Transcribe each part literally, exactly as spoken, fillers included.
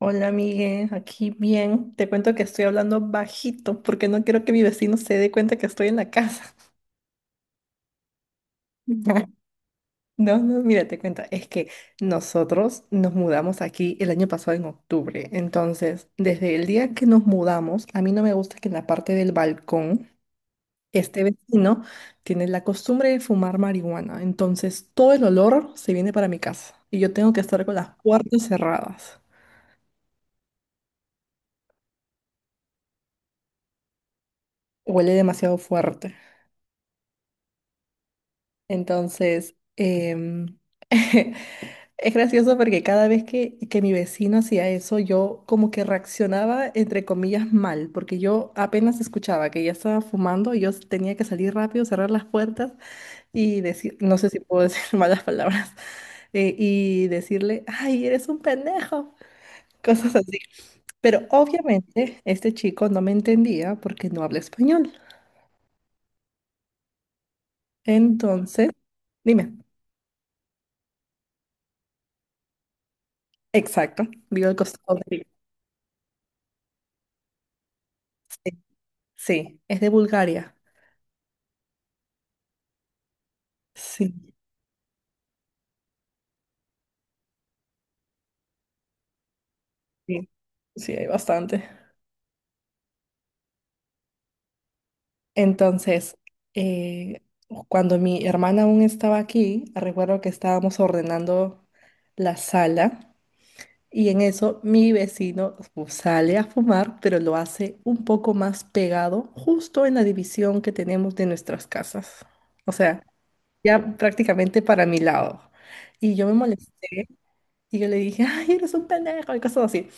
Hola, Miguel, aquí bien. Te cuento que estoy hablando bajito porque no quiero que mi vecino se dé cuenta que estoy en la casa. No, no, mira, te cuento. Es que nosotros nos mudamos aquí el año pasado en octubre. Entonces, desde el día que nos mudamos, a mí no me gusta que en la parte del balcón este vecino tiene la costumbre de fumar marihuana. Entonces, todo el olor se viene para mi casa y yo tengo que estar con las puertas cerradas. Huele demasiado fuerte. Entonces, em, es gracioso porque cada vez que, que mi vecino hacía eso, yo como que reaccionaba, entre comillas, mal, porque yo apenas escuchaba que ya estaba fumando, yo tenía que salir rápido, cerrar las puertas y decir, no sé si puedo decir malas palabras, eh, y decirle, ay, eres un pendejo, cosas así. Pero obviamente este chico no me entendía porque no habla español. Entonces, dime, exacto, vivo al costado de él. Sí, es de Bulgaria. Sí, sí, sí, hay bastante. Entonces, eh, cuando mi hermana aún estaba aquí, recuerdo que estábamos ordenando la sala y en eso mi vecino fu- sale a fumar, pero lo hace un poco más pegado, justo en la división que tenemos de nuestras casas. O sea, ya prácticamente para mi lado. Y yo me molesté. Y yo le dije, ay, eres un pendejo y cosas así.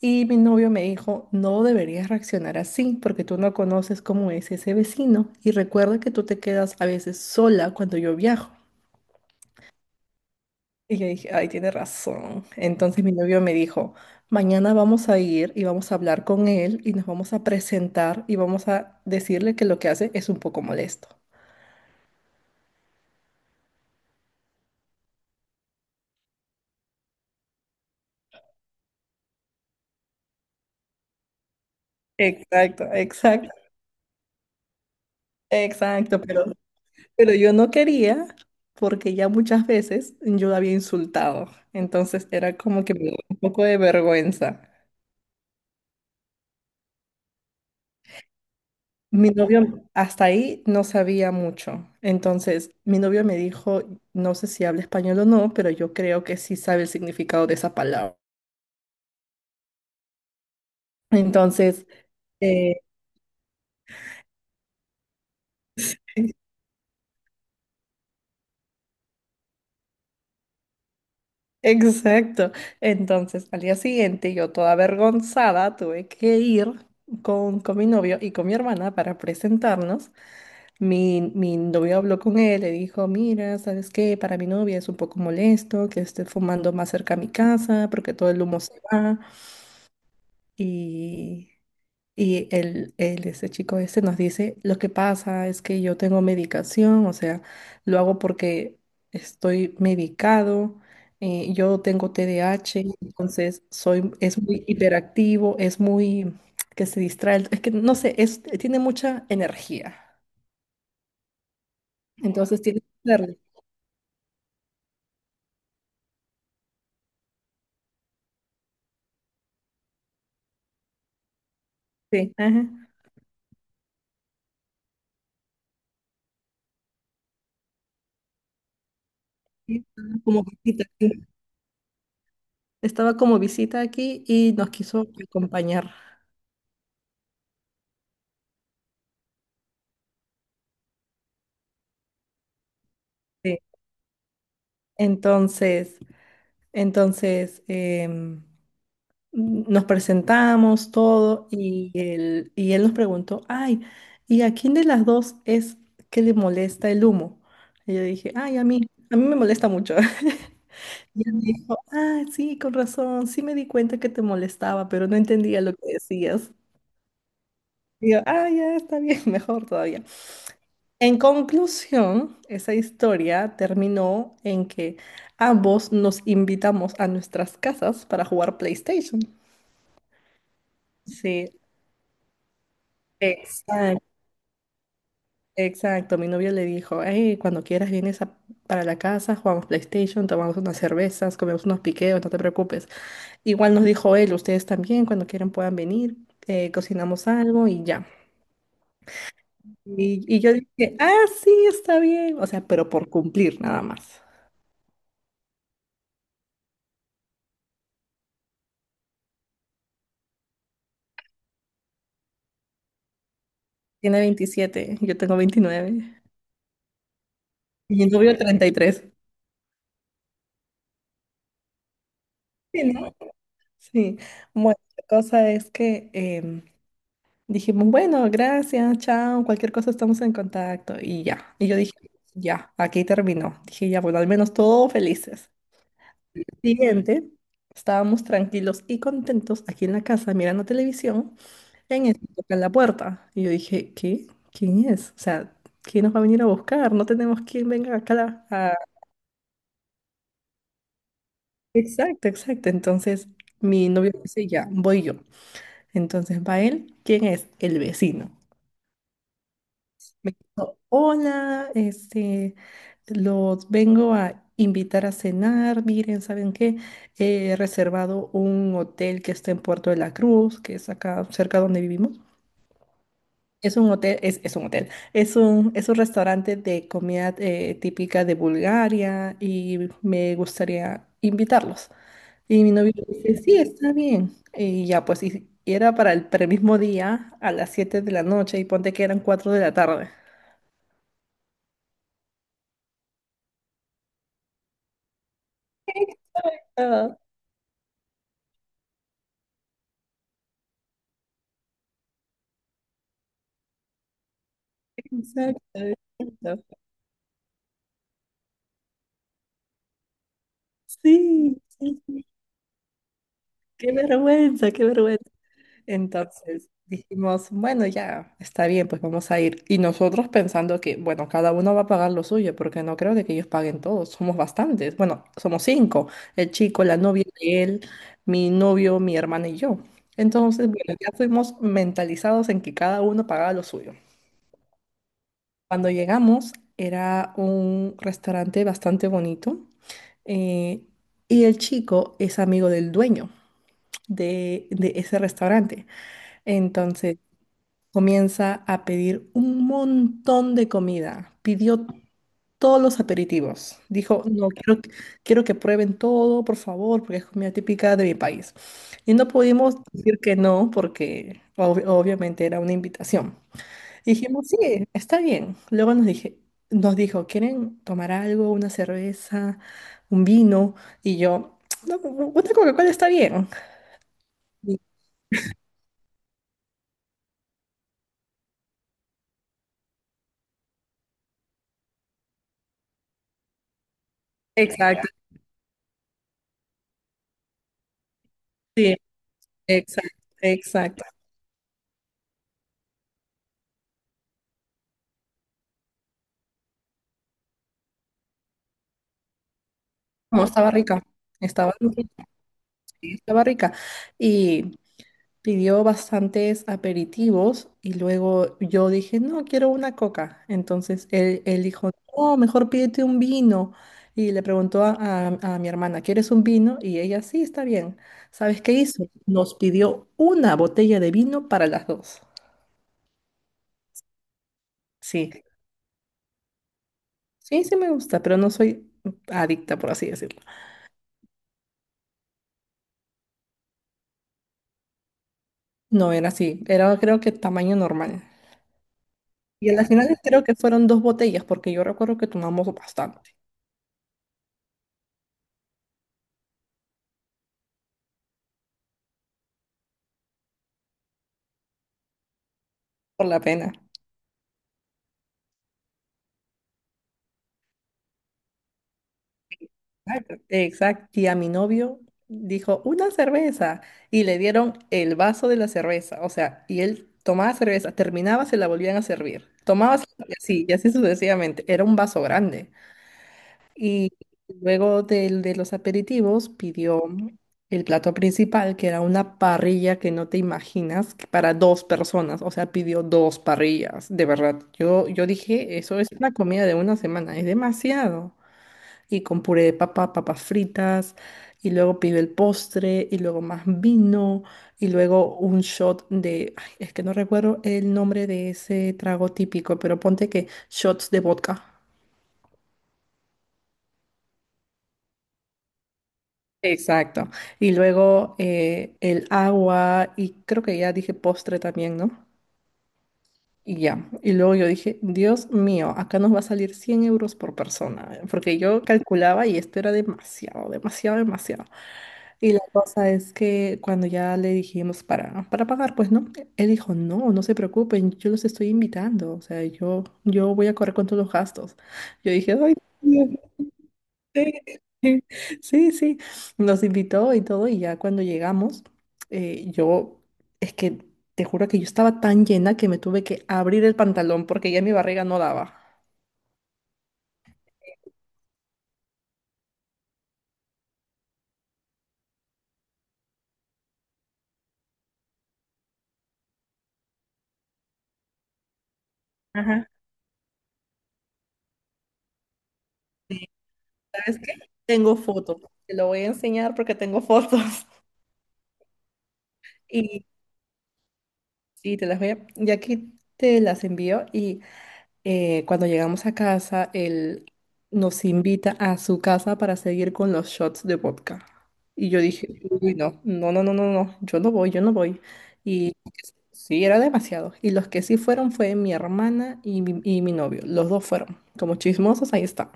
Y mi novio me dijo, no deberías reaccionar así porque tú no conoces cómo es ese vecino. Y recuerda que tú te quedas a veces sola cuando yo viajo. Y yo dije, ay, tiene razón. Entonces mi novio me dijo, mañana vamos a ir y vamos a hablar con él y nos vamos a presentar y vamos a decirle que lo que hace es un poco molesto. Exacto, exacto, exacto, pero Pero yo no quería porque ya muchas veces yo la había insultado. Entonces era como que me daba un poco de vergüenza. Mi novio hasta ahí no sabía mucho. Entonces mi novio me dijo, no sé si habla español o no, pero yo creo que sí sabe el significado de esa palabra. Entonces, eh, exacto. Entonces al día siguiente yo toda avergonzada tuve que ir con, con mi novio y con mi hermana para presentarnos. Mi, mi novio habló con él, le dijo, mira, ¿sabes qué? Para mi novia es un poco molesto que esté fumando más cerca a mi casa porque todo el humo se va. Y, y el el este chico este nos dice, lo que pasa es que yo tengo medicación, o sea, lo hago porque estoy medicado, eh, yo tengo T D A H entonces soy, es muy hiperactivo, es muy, que se distrae, es que no sé, es, tiene mucha energía. Entonces tiene Sí, ajá. Sí, estaba como visita. Sí. Estaba como visita aquí y nos quiso acompañar. Sí. Entonces, entonces em, nos presentamos todo y él, y él nos preguntó, ay, ¿y a quién de las dos es que le molesta el humo? Y yo dije, ay, a mí, a mí me molesta mucho. Y él me dijo, ah, sí, con razón, sí me di cuenta que te molestaba, pero no entendía lo que decías. Y yo, ah, ya está bien, mejor todavía. En conclusión, esa historia terminó en que ambos nos invitamos a nuestras casas para jugar PlayStation. Sí, exacto, exacto. Mi novio le dijo, hey, cuando quieras vienes a- para la casa, jugamos PlayStation, tomamos unas cervezas, comemos unos piqueos, no te preocupes. Igual nos dijo él, ustedes también, cuando quieran puedan venir, eh, cocinamos algo y ya. Y, y yo dije, ah, sí, está bien. O sea, pero por cumplir nada más. Tiene veintisiete, yo tengo veintinueve. Mi novio treinta y tres. Sí, ¿no? Sí. Bueno, la cosa es que em, dijimos, bueno, gracias, chao, cualquier cosa estamos en contacto y ya. Y yo dije, ya, aquí terminó. Dije, ya, bueno, al menos todos felices. Siguiente, estábamos tranquilos y contentos aquí en la casa mirando televisión, en eso tocan la puerta. Y yo dije, ¿qué? ¿Quién es? O sea, ¿quién nos va a venir a buscar? No tenemos quien venga acá a... la- a-". Exacto, exacto. Entonces, mi novio dice, ya, voy yo. Entonces va él, ¿quién es? El vecino. Me dijo, hola, este, los vengo a invitar a cenar, miren, ¿saben qué? He reservado un hotel que está en Puerto de la Cruz, que es acá cerca donde vivimos. Es un hotel, es, es un hotel, es un, es un restaurante de comida eh, típica de Bulgaria y me gustaría invitarlos. Y mi novio dice, sí, está bien. Y ya, pues, y y era para el, para el mismo día a las siete de la noche y ponte que eran cuatro de la tarde. Exacto, exacto, exacto. Sí, sí, sí, qué vergüenza, qué vergüenza. Entonces dijimos, bueno, ya está bien, pues vamos a ir. Y nosotros pensando que, bueno, cada uno va a pagar lo suyo, porque no creo de que ellos paguen todos, somos bastantes. Bueno, somos cinco, el chico, la novia de él, mi novio, mi hermana y yo. Entonces, bueno, ya fuimos mentalizados en que cada uno pagaba lo suyo. Cuando llegamos, era un restaurante bastante bonito, eh, y el chico es amigo del dueño de, de ese restaurante. Entonces, comienza a pedir un montón de comida. Pidió todos los aperitivos. Dijo, no, quiero, que- quiero que prueben todo, por favor, porque es comida típica de mi país. Y no pudimos decir que no, porque ob- obviamente era una invitación. Dijimos, sí, está bien. Luego nos dije, nos dijo, ¿quieren tomar algo? ¿Una cerveza? ¿Un vino? Y yo, no, una Coca-Cola está bien. Y- Exacto, sí, exacto, exacto. No, estaba rica, estaba rica, sí, estaba rica. Y pidió bastantes aperitivos y luego yo dije, no, quiero una coca. Entonces él, él dijo, no, mejor pídete un vino. Y le preguntó a, a- a mi hermana, ¿quieres un vino? Y ella, sí, está bien. ¿Sabes qué hizo? Nos pidió una botella de vino para las dos. Sí, sí, sí me gusta, pero no soy adicta, por así decirlo. No era así, era creo que tamaño normal. Y a la final creo que fueron dos botellas, porque yo recuerdo que tomamos bastante, por la pena. Exacto. Exacto. Y a mi novio dijo, una cerveza, y le dieron el vaso de la cerveza, o sea, y él tomaba cerveza, terminaba, se la volvían a servir, tomaba, se- y así, y así sucesivamente, era un vaso grande. Y luego del, de los aperitivos pidió el plato principal, que era una parrilla que no te imaginas, que para dos personas, o sea, pidió dos parrillas, de verdad. Yo, yo dije, eso es una comida de una semana, es demasiado. Y con puré de papa, papas fritas, y luego pidió el postre, y luego más vino, y luego un shot de, ay, es que no recuerdo el nombre de ese trago típico, pero ponte que shots de vodka. Exacto. Y luego eh, el agua y creo que ya dije postre también, ¿no? Y ya. Y luego yo dije, Dios mío, acá nos va a salir cien euros por persona, porque yo calculaba y esto era demasiado, demasiado, demasiado. Y la cosa es que cuando ya le dijimos para, para pagar, pues no, él dijo, no, no se preocupen, yo los estoy invitando, o sea, yo, yo voy a correr con todos los gastos. Yo dije, ay. Sí, sí, sí, sí, nos invitó y todo, y ya cuando llegamos, eh, yo, es que te juro que yo estaba tan llena que me tuve que abrir el pantalón porque ya mi barriga no daba. Ajá. Sí, ¿sabes qué? Tengo fotos, te lo voy a enseñar porque tengo fotos y, sí te las voy a, ya que te las envío y eh, cuando llegamos a casa, él nos invita a su casa para seguir con los shots de vodka. Y yo dije, uy, no, no, no, no, no, no, yo no voy, yo no voy. Y sí, era demasiado. Y los que sí fueron fue mi hermana y mi, y mi novio. Los dos fueron. Como chismosos, ahí está.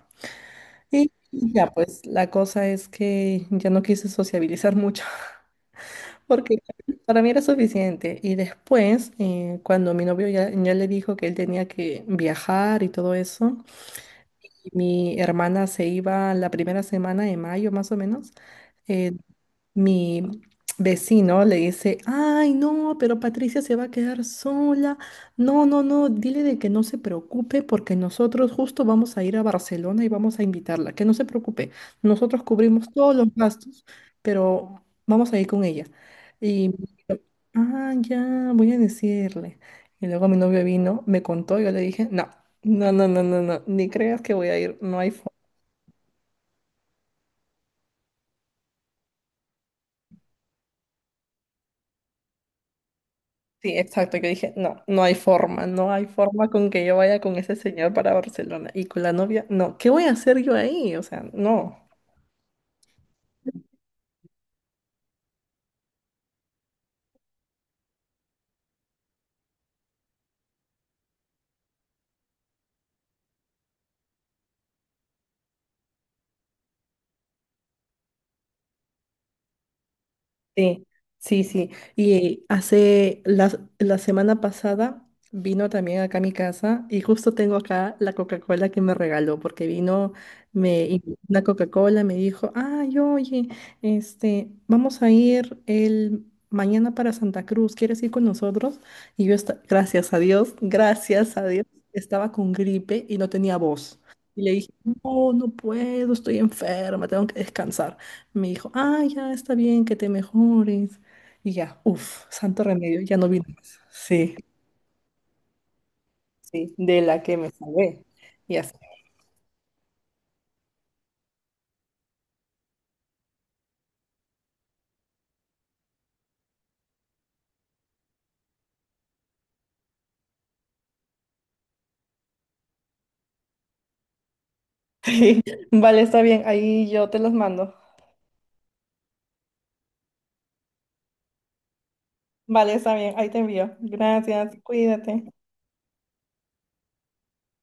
Y ya, pues la cosa es que ya no quise sociabilizar mucho porque para mí era suficiente. Y después, eh, cuando mi novio ya, ya le dijo que él tenía que viajar y todo eso, mi hermana se iba la primera semana de mayo, más o menos, eh, mi vecino le dice, ay, no, pero Patricia se va a quedar sola. No, no, no, dile de que no se preocupe porque nosotros justo vamos a ir a Barcelona y vamos a invitarla, que no se preocupe. Nosotros cubrimos todos los gastos, pero vamos a ir con ella. Y yo, ah, ya, voy a decirle. Y luego mi novio vino, me contó, yo le dije, no. No, no, no, no, no, ni creas que voy a ir, no hay Sí, exacto, que dije, no, no hay forma, no hay forma con que yo vaya con ese señor para Barcelona y con la novia, no, ¿qué voy a hacer yo ahí? O sea, no. Sí, sí, sí. Y hace la, la semana pasada vino también acá a mi casa y justo tengo acá la Coca-Cola que me regaló porque vino me invitó una Coca-Cola me dijo, "Ay, oye, este, vamos a ir el mañana para Santa Cruz, ¿quieres ir con nosotros?" Y yo esta- gracias a Dios, gracias a Dios, estaba con gripe y no tenía voz. Y le dije, "No, no puedo, estoy enferma, tengo que descansar." Me dijo, ah, ya está bien, que te mejores. Y ya, uff, santo remedio, ya no vino más. Sí, sí, de la que me salvé. Ya sé. Sí, vale, está bien, ahí yo te los mando. Vale, está bien, ahí te envío. Gracias, cuídate.